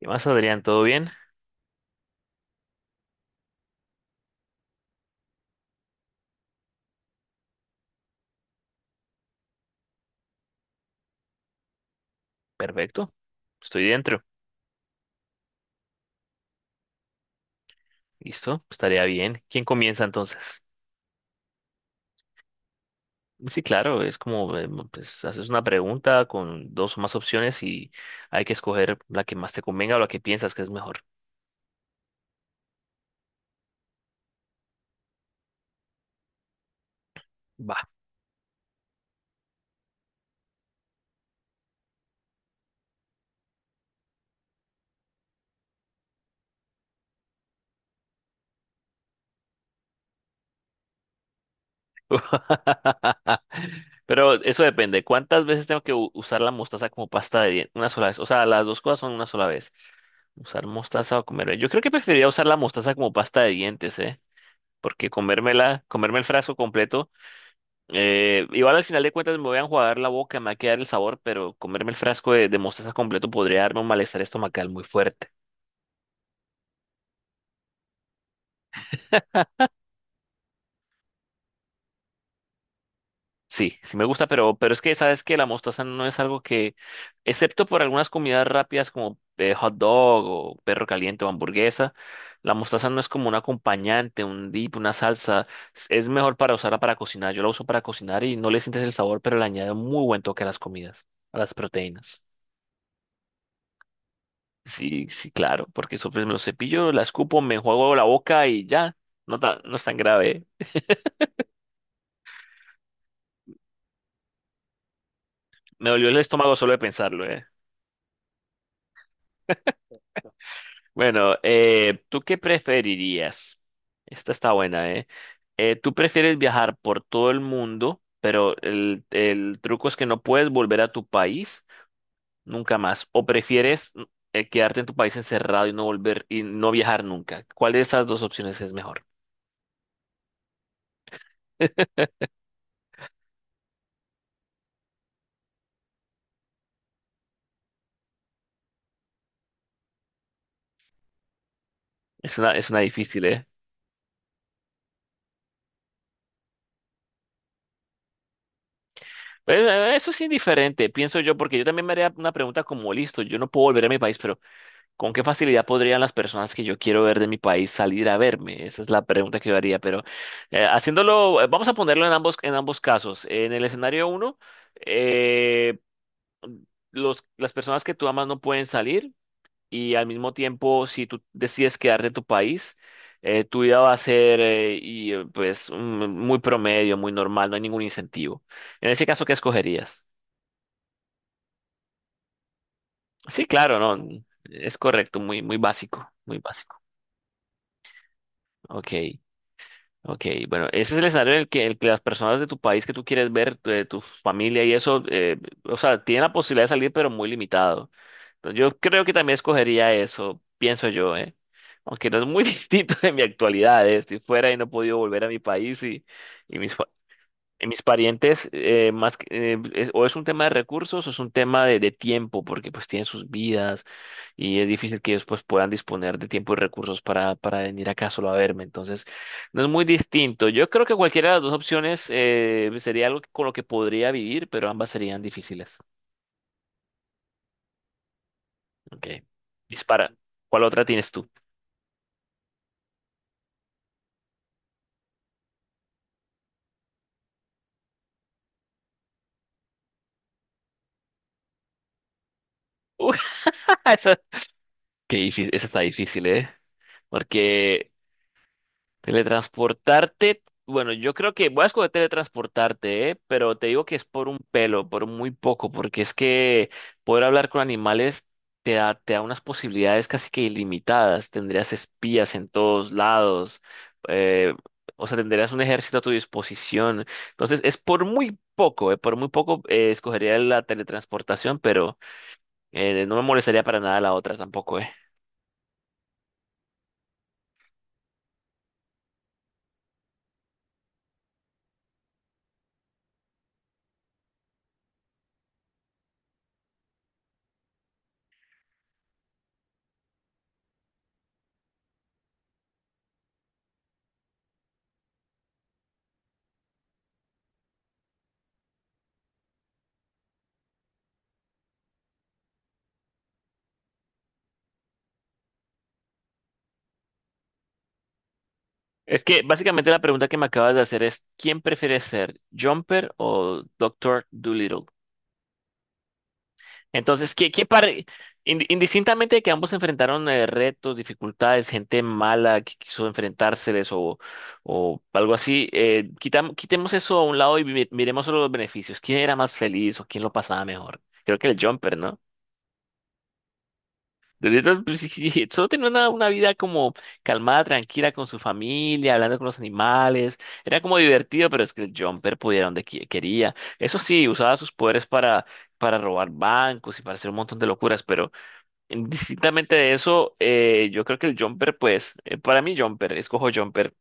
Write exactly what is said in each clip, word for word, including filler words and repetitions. ¿Qué más, Adrián? ¿Todo bien? Perfecto. Estoy dentro. ¿Listo? Estaría bien. ¿Quién comienza entonces? Sí, claro, es como, eh, pues, haces una pregunta con dos o más opciones y hay que escoger la que más te convenga o la que piensas que es mejor. Va. Pero eso depende. ¿Cuántas veces tengo que u- usar la mostaza como pasta de dientes? Una sola vez. O sea, las dos cosas son una sola vez. Usar mostaza o comerme. Yo creo que preferiría usar la mostaza como pasta de dientes, ¿eh? Porque comérmela, comerme el frasco completo. Eh, igual al final de cuentas me voy a enjuagar la boca, me va a quedar el sabor, pero comerme el frasco de, de mostaza completo podría darme un malestar estomacal muy fuerte. Sí, sí me gusta, pero, pero es que sabes que la mostaza no es algo que, excepto por algunas comidas rápidas como eh, hot dog o perro caliente o hamburguesa, la mostaza no es como un acompañante, un dip, una salsa. Es es mejor para usarla para cocinar. Yo la uso para cocinar y no le sientes el sabor, pero le añade un muy buen toque a las comidas, a las proteínas. Sí, sí, claro, porque eso pues me lo cepillo, la escupo, me enjuago la boca y ya, no, ta- no es tan grave. Me dolió el estómago solo de pensarlo, ¿eh? Bueno, eh, ¿tú qué preferirías? Esta está buena, ¿eh? Eh, ¿tú prefieres viajar por todo el mundo, pero el, el truco es que no puedes volver a tu país nunca más? ¿O prefieres mm, eh, quedarte en tu país encerrado y no volver y no viajar nunca? ¿Cuál de esas dos opciones es mejor? Es una, es una difícil, ¿eh? Pues, Eh, eso es indiferente, pienso yo, porque yo también me haría una pregunta como, listo, yo no puedo volver a mi país, pero ¿con qué facilidad podrían las personas que yo quiero ver de mi país salir a verme? Esa es la pregunta que yo haría, pero eh, haciéndolo, eh, vamos a ponerlo en ambos, en ambos casos. En el escenario uno, eh, los, las personas que tú amas no pueden salir y al mismo tiempo, si tú decides quedarte en tu país, eh, tu vida va a ser eh, y, eh, pues, mm, muy promedio, muy normal, no hay ningún incentivo. En ese caso, ¿qué escogerías? Sí, claro, no. Es correcto, muy, muy básico, muy básico. Ok, ok. Bueno, ese es el escenario en el que, el que las personas de tu país que tú quieres ver, tu- de tu familia y eso, eh, o sea, tienen la posibilidad de salir, pero muy limitado. Entonces, yo creo que también escogería eso, pienso yo, ¿eh? Aunque no es muy distinto de mi actualidad, ¿eh? Estoy fuera y no he podido volver a mi país y, y mis, fa- en mis parientes, eh, más que- eh, es- o es un tema de recursos o es un tema de, de tiempo, porque pues tienen sus vidas y es difícil que ellos pues puedan disponer de tiempo y recursos para, para venir acá solo a verme. Entonces, no es muy distinto. Yo creo que cualquiera de las dos opciones eh, sería algo con lo que podría vivir, pero ambas serían difíciles. Ok, dispara. ¿Cuál otra tienes tú? Uy, esa, qué difí- esa está difícil, ¿eh? Porque... Teletransportarte, bueno, yo creo que voy a escoger teletransportarte, ¿eh? Pero te digo que es por un pelo, por muy poco, porque es que poder hablar con animales te da, te da unas posibilidades casi que ilimitadas. Tendrías espías en todos lados, eh, o sea, tendrías un ejército a tu disposición. Entonces, es por muy poco, ¿eh? Por muy poco eh, escogería la teletransportación, pero eh, no me molestaría para nada la otra tampoco, ¿eh? Es que básicamente la pregunta que me acabas de hacer es, ¿quién prefiere ser Jumper o Doctor Dolittle? Entonces, ¿qué, qué pare- ind- indistintamente de que ambos enfrentaron eh, retos, dificultades, gente mala que quiso enfrentárseles o, o algo así, eh, quitam- quitemos eso a un lado y mi- miremos solo los beneficios. ¿Quién era más feliz o quién lo pasaba mejor? Creo que el Jumper, ¿no? De neta, pues, sí, sí, sí, solo tenía una, una vida como calmada, tranquila con su familia, hablando con los animales. Era como divertido, pero es que el Jumper pudiera donde qui- quería. Eso sí, usaba sus poderes para, para robar bancos y para hacer un montón de locuras, pero indistintamente de eso, eh, yo creo que el Jumper, pues, eh, para mí Jumper, escojo Jumper,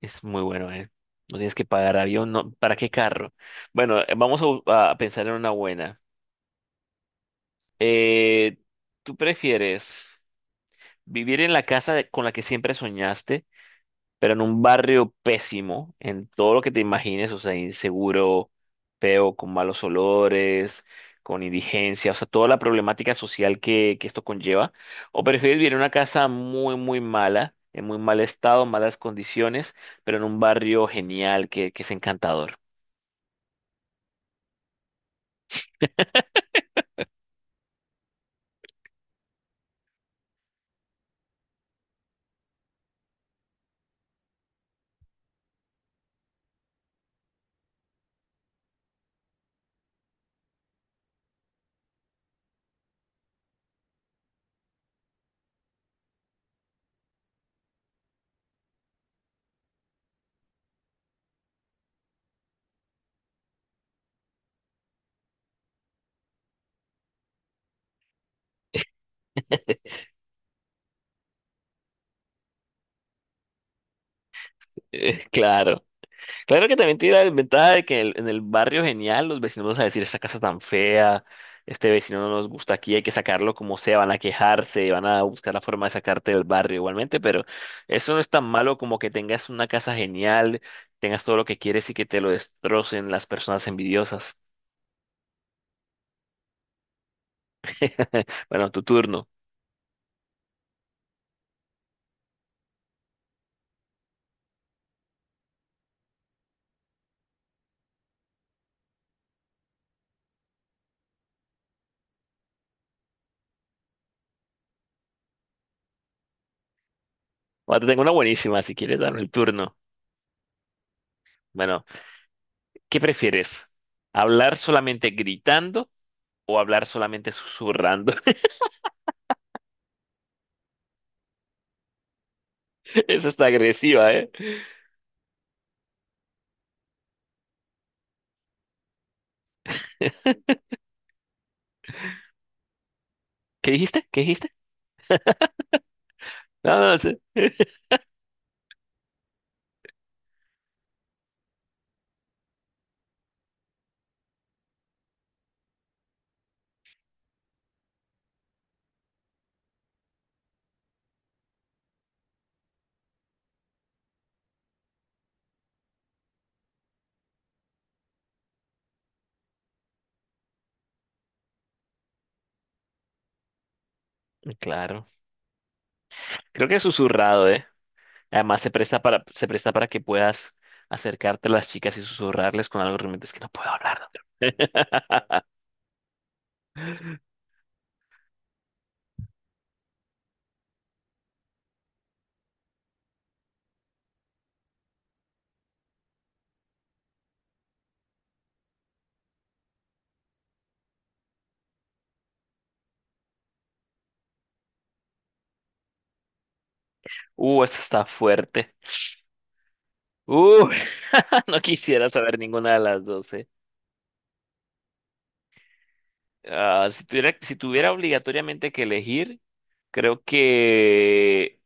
es muy bueno, ¿eh? No tienes que pagar avión, no, ¿para qué carro? Bueno, eh, vamos a, bu- a pensar en una buena. Eh, ¿tú prefieres? Vivir en la casa de- con la que siempre soñaste, pero en un barrio pésimo, en todo lo que te imagines, o sea, inseguro, feo, con malos olores, con indigencia, o sea, toda la problemática social que, que esto conlleva. O prefieres vivir en una casa muy, muy mala, en muy mal estado, malas condiciones, pero en un barrio genial que, que es encantador. Claro. Claro que también tiene la ventaja de que en el, en el barrio genial los vecinos van a decir, esta casa tan fea, este vecino no nos gusta aquí, hay que sacarlo como sea, van a quejarse, van a buscar la forma de sacarte del barrio igualmente, pero eso no es tan malo como que tengas una casa genial, tengas todo lo que quieres y que te lo destrocen las personas envidiosas. Bueno, tu turno. Bueno, te tengo una buenísima si quieres darme el turno. Bueno, ¿qué prefieres? ¿Hablar solamente gritando o hablar solamente susurrando? Eso está agresiva, ¿eh? ¿Qué dijiste? ¿Qué dijiste? No, no sé. Claro. Creo que es susurrado, ¿eh? Además se presta para, se presta para que puedas acercarte a las chicas y susurrarles con algo realmente es que no puedo hablar. ¿No? Uh, esto está fuerte. Uh, no quisiera saber ninguna de las dos, ¿eh? Ah, si tuviera, si tuviera obligatoriamente que elegir, creo que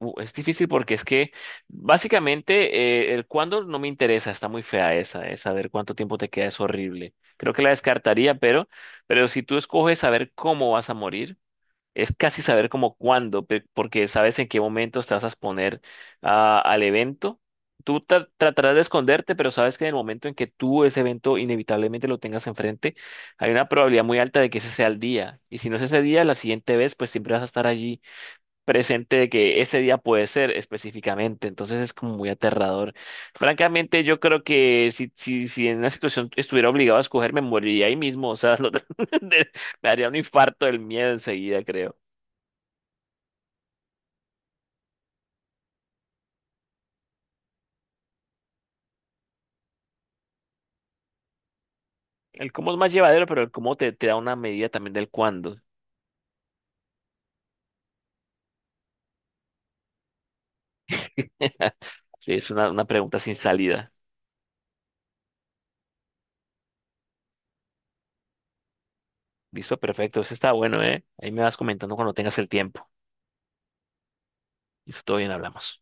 uh, es difícil porque es que básicamente eh, el cuándo no me interesa, está muy fea esa, es saber cuánto tiempo te queda es horrible. Creo que la descartaría, pero, pero si tú escoges saber cómo vas a morir, es casi saber como cuándo, pe- porque sabes en qué momento te vas a exponer a- al evento. Tú tra- tratarás de esconderte, pero sabes que en el momento en que tú ese evento inevitablemente lo tengas enfrente, hay una probabilidad muy alta de que ese sea el día. Y si no es ese día, la siguiente vez, pues siempre vas a estar allí presente de que ese día puede ser específicamente, entonces es como muy aterrador. Francamente, yo creo que si, si, si en una situación estuviera obligado a escoger, me moriría ahí mismo, o sea, lo- de- me haría un infarto del miedo enseguida, creo. El cómo es más llevadero, pero el cómo te, te da una medida también del cuándo. Sí, es una, una pregunta sin salida. Listo, perfecto, eso está bueno, ¿eh? Ahí me vas comentando cuando tengas el tiempo. Listo, todo bien, hablamos.